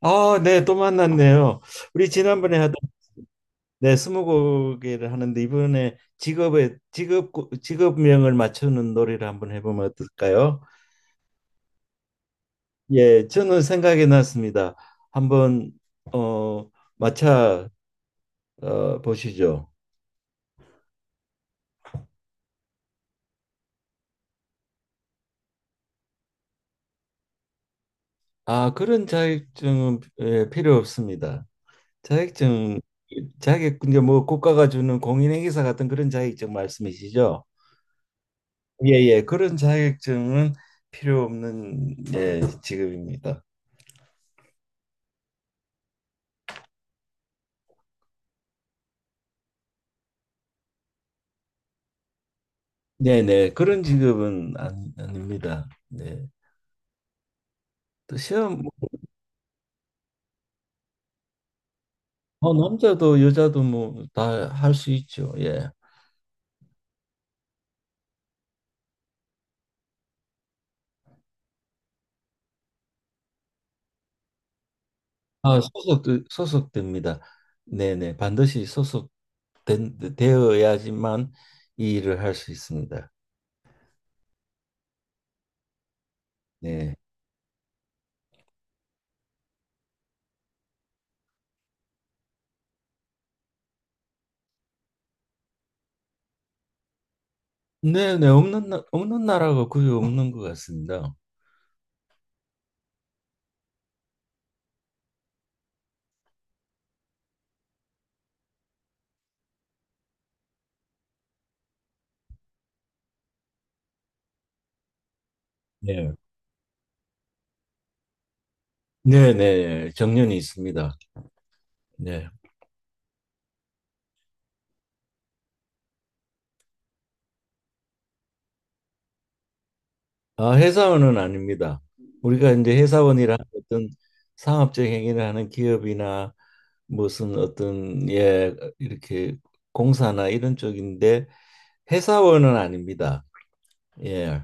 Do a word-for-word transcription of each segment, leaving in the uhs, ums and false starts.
아, 네, 또 만났네요. 우리 지난번에 하던 네, 스무고개를 하는데 이번에 직업의 직업 직업명을 맞추는 놀이를 한번 해보면 어떨까요? 예, 저는 생각이 났습니다. 한번 어 맞춰 어, 보시죠. 아, 그런 자격증은 예, 필요 없습니다. 자격증 자격 이제 뭐 국가가 주는 공인행위사 같은 그런 자격증 말씀이시죠? 예예 그런 자격증은 필요 없는 예 직업입니다. 네네 그런 직업은 안, 아닙니다. 네. 또 시험 뭐 뭐 남자도 여자도 뭐 다 할 수 있죠. 예. 아 소속도 소속됩니다. 네네 반드시 소속된 되어야지만 이 일을 할 수 있습니다. 네. 네네 없는 나- 없는 나라가 거의 없는 것 같습니다. 네. 네네 정년이 있습니다. 네. 아, 회사원은 아닙니다. 우리가 이제 회사원이라 어떤 상업적 행위를 하는 기업이나 무슨 어떤 예 이렇게 공사나 이런 쪽인데 회사원은 아닙니다. 예.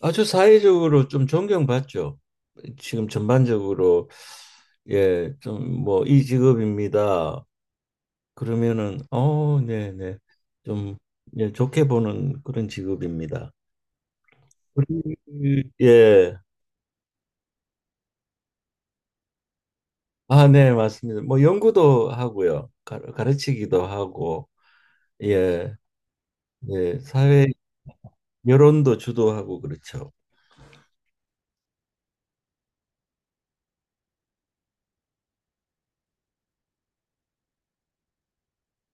아주 사회적으로 좀 존경받죠. 지금 전반적으로 예, 좀 뭐 이 직업입니다. 그러면은 어, 네, 네. 좀 예, 좋게 보는 그런 직업입니다. 우리 예. 아, 네, 맞습니다. 뭐 연구도 하고요. 가, 가르치기도 하고 예. 예, 사회 여론도 주도하고 그렇죠.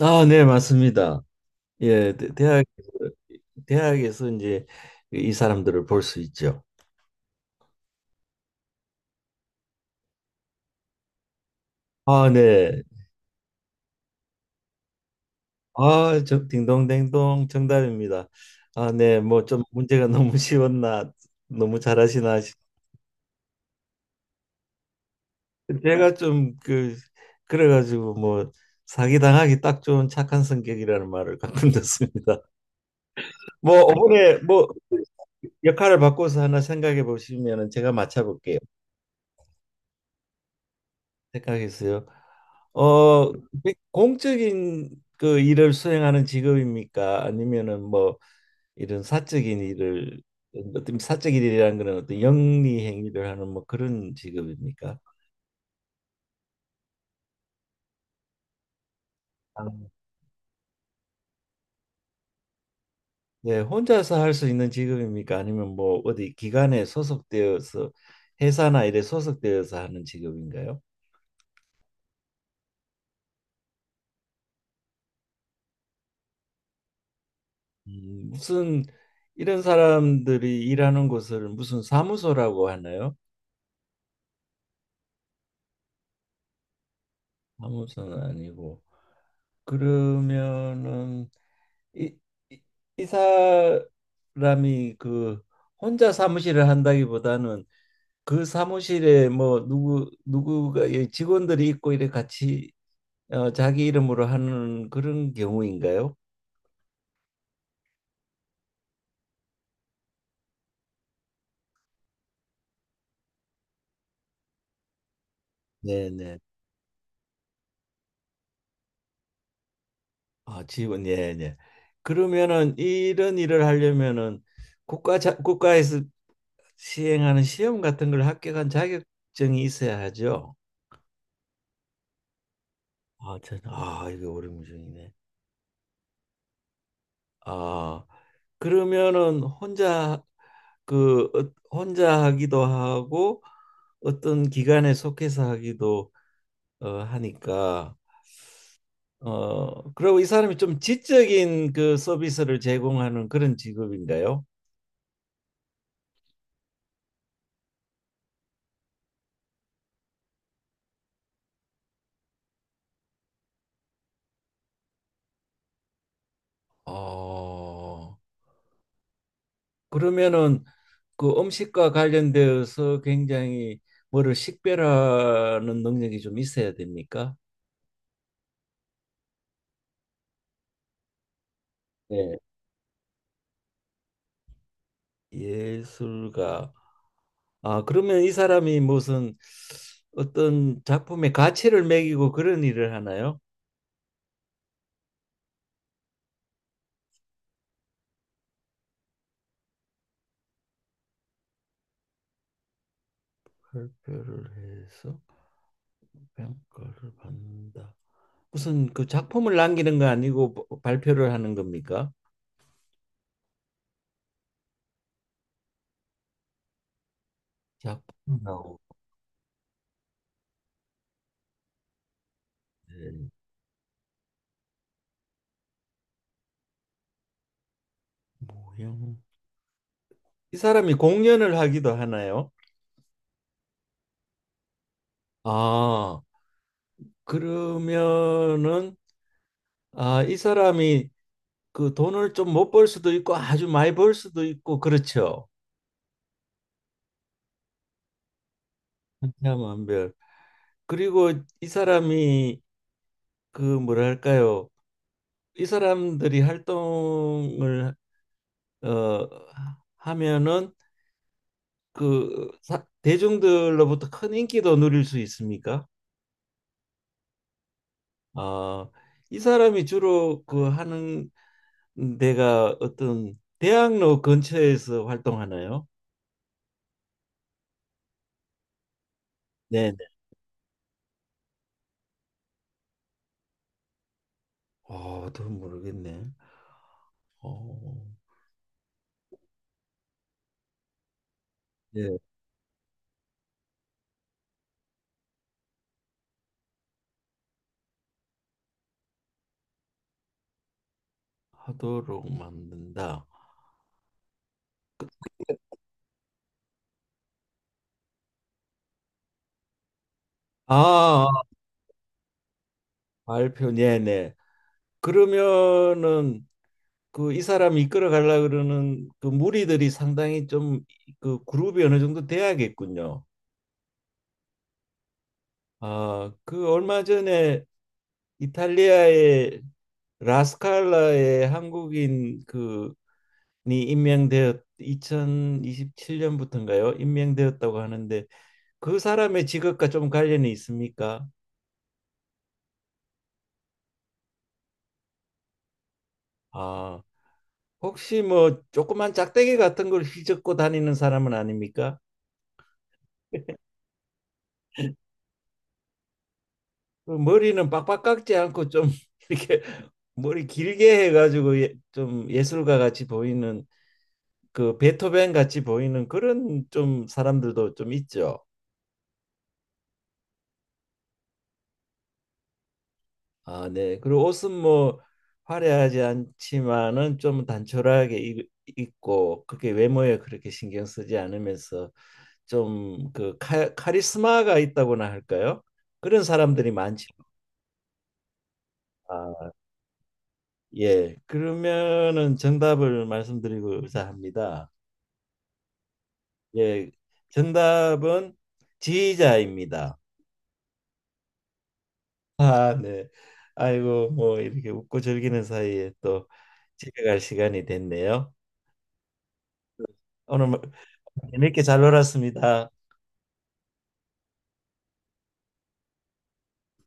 아, 네, 맞습니다. 예, 대- 대학에서 대학에서 이제 그 이 사람들을 볼 수 있죠. 아, 네. 아, 저 딩동댕동 정답입니다. 아, 네. 뭐 좀 문제가 너무 쉬웠나, 너무 잘하시나. 싶- 제가 좀 그 그래가지고 뭐 사기 당하기 딱 좋은 착한 성격이라는 말을 가끔 듣습니다. 뭐 이번에 뭐 역할을 바꿔서 하나 생각해 보시면은 제가 맞춰볼게요. 생각했어요. 어, 공적인 그 일을 수행하는 직업입니까? 아니면은 뭐 이런 사적인 일을 어떤 사적인 일이라는 거는 어떤 영리 행위를 하는 뭐 그런 직업입니까? 아, 네, 혼자서 할 수 있는 직업입니까? 아니면 뭐 어디 기관에 소속되어서 회사나 일에 소속되어서 하는 직업인가요? 음, 무슨 이런 사람들이 일하는 곳을 무슨 사무소라고 하나요? 사무소는 아니고 그러면은 이, 이, 이 사람이 그 혼자 사무실을 한다기보다는 그 사무실에 뭐 누구 누구가 예, 직원들이 있고 이래 같이 어, 자기 이름으로 하는 그런 경우인가요? 네네. 아, 지원, 예, 예. 그러면은 이런 일을 하려면은 국가 자, 국가에서 시행하는 시험 같은 걸 합격한 자격증이 있어야 하죠. 아, 저는 아, 이거 어려운 문제이네. 아, 그러면은 혼자 그 어, 혼자 하기도 하고 어떤 기관에 속해서 하기도 어, 하니까 어, 그리고 이 사람이 좀 지적인 그 서비스를 제공하는 그런 직업인가요? 어. 그러면은 그 음식과 관련되어서 굉장히 뭐를 식별하는 능력이 좀 있어야 됩니까? 네. 예술가. 아, 그러면 이 사람이 무슨 어떤 작품의 가치를 매기고 그런 일을 하나요? 발표를 해서 평가를 받는다. 무슨 그 작품을 남기는 거 아니고 발표를 하는 겁니까? 작품 나오는 모형. 이 사람이 공연을 하기도 하나요? 아. 그러면은 아, 이 사람이 그 돈을 좀 못 벌 수도 있고 아주 많이 벌 수도 있고 그렇죠. 한참한별. 그리고 이 사람이 그 뭐랄까요? 이 사람들이 활동을 어 하면은 그 사- 대중들로부터 큰 인기도 누릴 수 있습니까? 아, 이 사람이 주로 그 하는 데가 어떤 대학로 근처에서 활동하나요? 아, 더 모르겠네. 어, 예, 하도록 만든다. 아, 발표, 네네. 그러면은 그 이 사람이 이끌어 가려 그러는 그 무리들이 상당히 좀 그 그룹이 어느 정도 돼야겠군요. 아, 그 얼마 전에 이탈리아의 라스칼라의 한국인 그니 임명되었 이천이십칠 년부터인가요? 임명되었다고 하는데 그 사람의 직업과 좀 관련이 있습니까? 아, 혹시 뭐 조그만 짝대기 같은 걸 휘젓고 다니는 사람은 아닙니까? 그 머리는 빡빡 깎지 않고 좀 이렇게 머리 길게 해가지고 예, 좀 예술가 같이 보이는 그 베토벤 같이 보이는 그런 좀 사람들도 좀 있죠. 아, 네. 그리고 옷은 뭐 화려하지 않지만은 좀 단촐하게 이- 입고 그게 외모에 그렇게 신경 쓰지 않으면서 좀 그 카리스마가 있다고나 할까요? 그런 사람들이 많죠. 아, 예. 그러면은 정답을 말씀드리고자 합니다. 예. 정답은 지휘자입니다. 아, 네. 아이고, 뭐 이렇게 웃고 즐기는 사이에 또 집에 갈 시간이 됐네요. 오늘 뭐 재밌게 잘 놀았습니다.